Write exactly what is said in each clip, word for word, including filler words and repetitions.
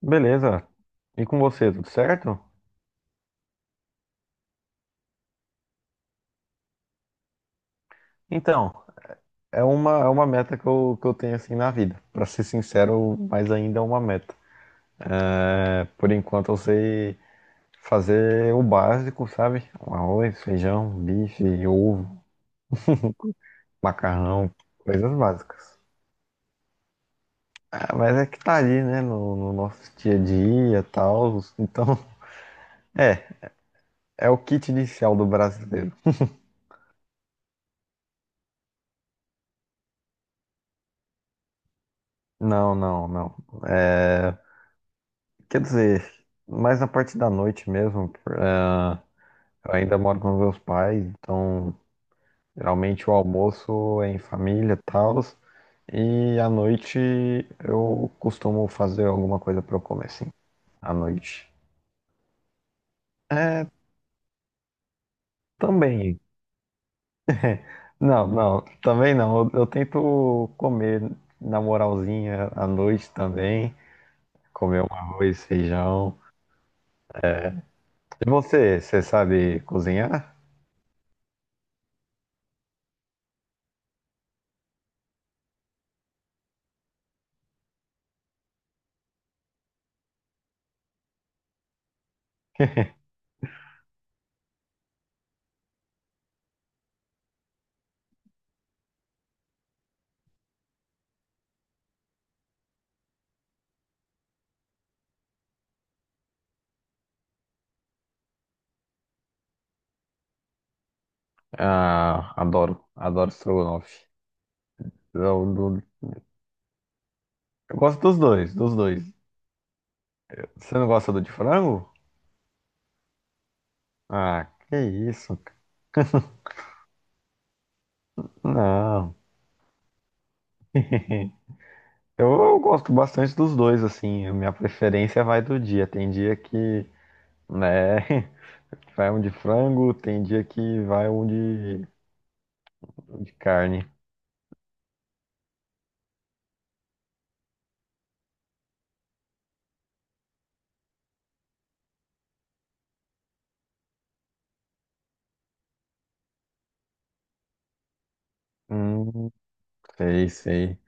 Beleza. E com você, tudo certo? Então, é uma, é uma meta que eu, que eu tenho assim na vida. Pra ser sincero, mas ainda é uma meta. É, por enquanto eu sei fazer o básico, sabe? Um arroz, feijão, bife, ovo, macarrão, coisas básicas. Ah, mas é que tá ali, né? No, no nosso dia a dia e tal. Então, é, é o kit inicial do brasileiro. Não, não, não. É, quer dizer, mais na parte da noite mesmo. Eu ainda moro com meus pais, então geralmente o almoço é em família e tal. E à noite eu costumo fazer alguma coisa para eu comer, assim, à noite. É, também. Não, não, também não. Eu, eu tento comer na moralzinha à noite também. Comer um arroz, feijão. E você, você sabe cozinhar? Ah, adoro, adoro estrogonofe. Eu, eu gosto dos dois, dos dois. Você não gosta do de frango? Ah, que isso? Cara. Não. Eu gosto bastante dos dois, assim. A minha preferência vai do dia. Tem dia que, né, vai um de frango, tem dia que vai um de, um de carne. Hum, sei, sei.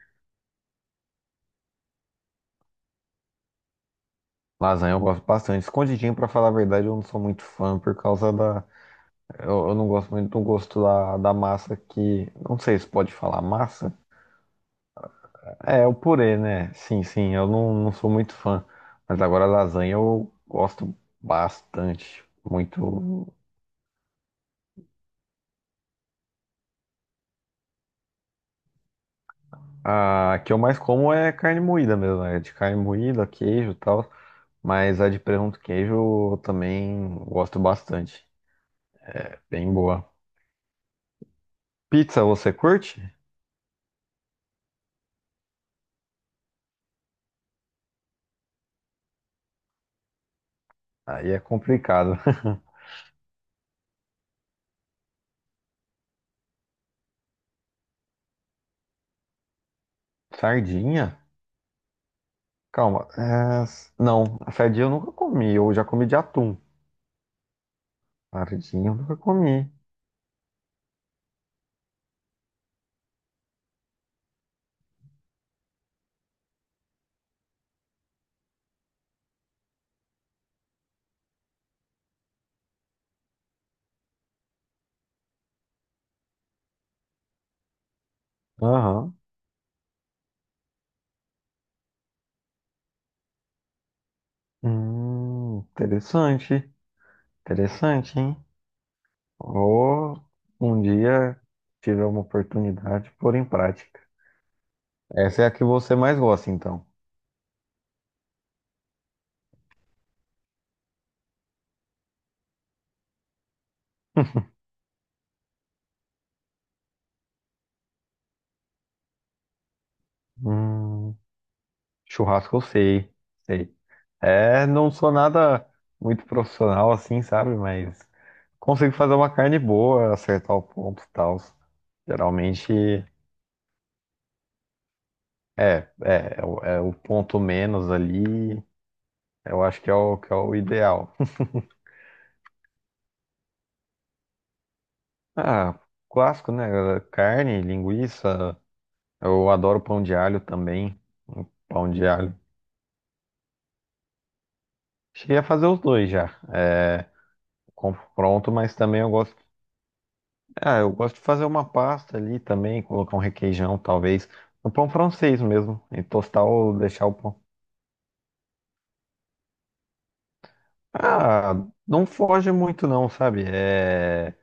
Lasanha eu gosto bastante. Escondidinho, pra falar a verdade, eu não sou muito fã por causa da. Eu, eu não gosto muito do gosto da, da massa que. Não sei se pode falar massa. É, o purê, né? Sim, sim, eu não, não sou muito fã. Mas agora a lasanha eu gosto bastante. Muito. A que eu mais como é carne moída mesmo, é de carne moída, queijo e tal. Mas a de presunto e queijo eu também gosto bastante. É bem boa. Pizza você curte? Aí é complicado. Sardinha? Calma. É, não, sardinha eu nunca comi. Eu já comi de atum. Sardinha eu nunca comi. Aham. Hum, interessante, interessante, hein? Ou um dia tiver uma oportunidade, pôr em prática. Essa é a que você mais gosta, então. Hum, churrasco eu sei, sei. É, não sou nada muito profissional assim, sabe? Mas consigo fazer uma carne boa, acertar o ponto e tal. Geralmente é, é, é, o é, o ponto menos ali, eu acho que é o, que é o ideal. Ah, clássico, né? Carne, linguiça. Eu adoro pão de alho também. Um pão de alho. Cheguei a fazer os dois já. É, confronto, mas também eu gosto. Ah, eu gosto de fazer uma pasta ali também, colocar um requeijão, talvez. Um pão francês mesmo. E tostar ou deixar o pão. Ah, não foge muito não, sabe? É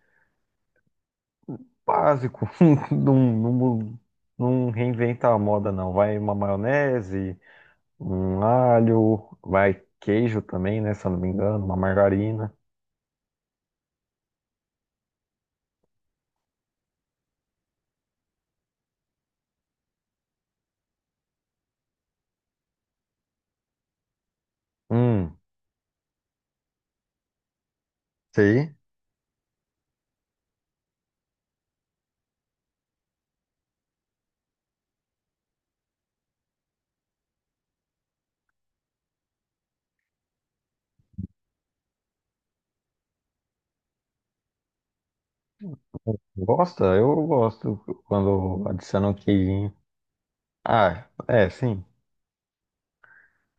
básico. Não, não, não reinventa a moda não. Vai uma maionese. Um alho, vai queijo também, né? Se eu não me engano, uma margarina. Hum, sei. Gosta? Eu gosto quando adiciona um queijinho. Ah, é, sim.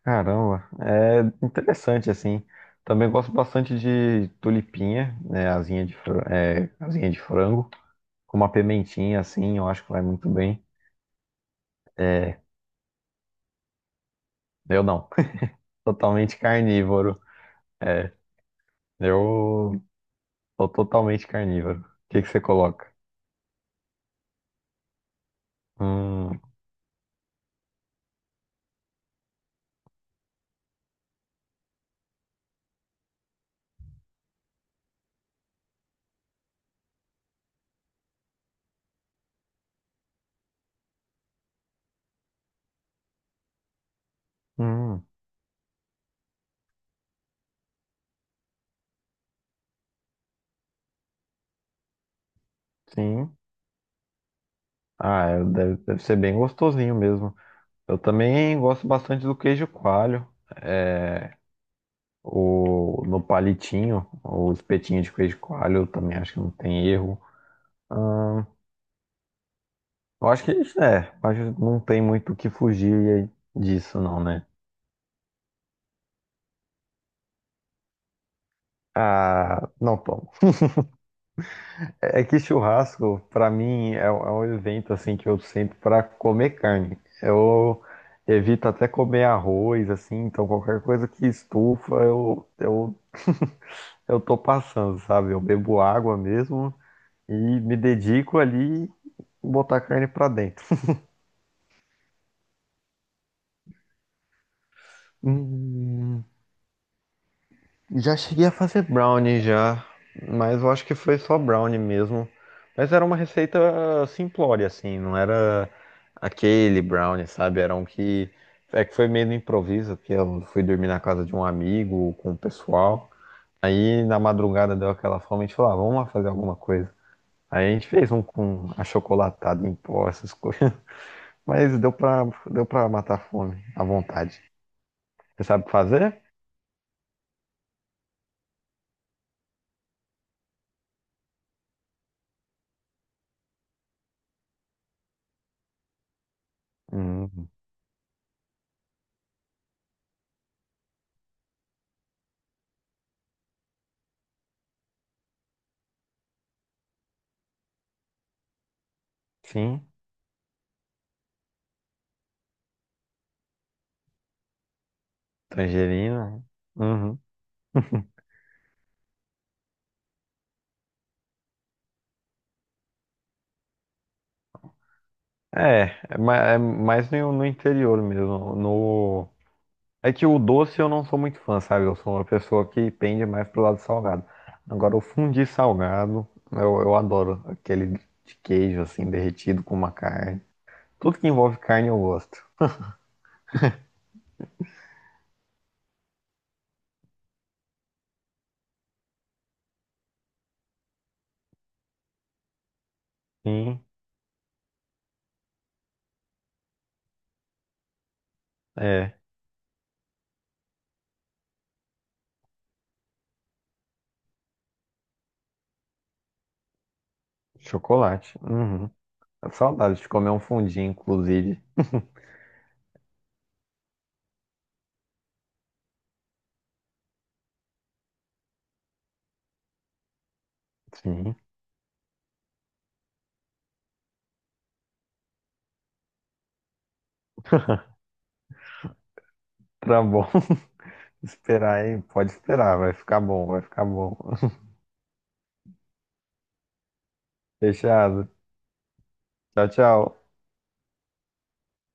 Caramba, é interessante assim. Também gosto bastante de tulipinha, né? Asinha de, fran- é, asinha de frango, com uma pimentinha assim, eu acho que vai muito bem. É, eu não. Totalmente carnívoro. É, eu sou totalmente carnívoro. O que que você coloca? Hum, hum. Sim. Ah, é- deve, deve ser bem gostosinho mesmo. Eu também gosto bastante do queijo coalho. É, o, no palitinho, o espetinho de queijo coalho, eu também acho que não tem erro. Ahn, eu acho que isso é, eu acho que não tem muito o que fugir disso, não, né? Ah, não, é que churrasco, pra mim, é, um é um evento assim que eu sinto pra comer carne. Eu evito até comer arroz, assim, então qualquer coisa que estufa, eu, eu, eu tô passando, sabe? Eu bebo água mesmo e me dedico ali em botar carne pra dentro. Hum. Já cheguei a fazer brownie já, mas eu acho que foi só brownie mesmo. Mas era uma receita simplória, assim, não era aquele brownie, sabe? Era um que. É que foi meio no improviso, porque eu fui dormir na casa de um amigo com o pessoal. Aí na madrugada deu aquela fome, a gente falou, ah, vamos lá fazer alguma coisa. Aí a gente fez um com achocolatado em pó, essas coisas. Mas deu pra, deu pra matar a fome à vontade. Você sabe fazer? Hum, sim, tangerina. Uhum. É, é ma- é mais no, no interior mesmo. No... É que o doce eu não sou muito fã, sabe? Eu sou uma pessoa que pende mais pro lado salgado. Agora, o fundi salgado, eu, eu adoro. Aquele de queijo, assim, derretido com uma carne. Tudo que envolve carne eu gosto. Sim, é. Chocolate. Uhum. É saudade de comer um fundi, inclusive. Sim, tá bom. Esperar aí, pode esperar, vai ficar bom, vai ficar bom. Fechado. Tchau, tchau.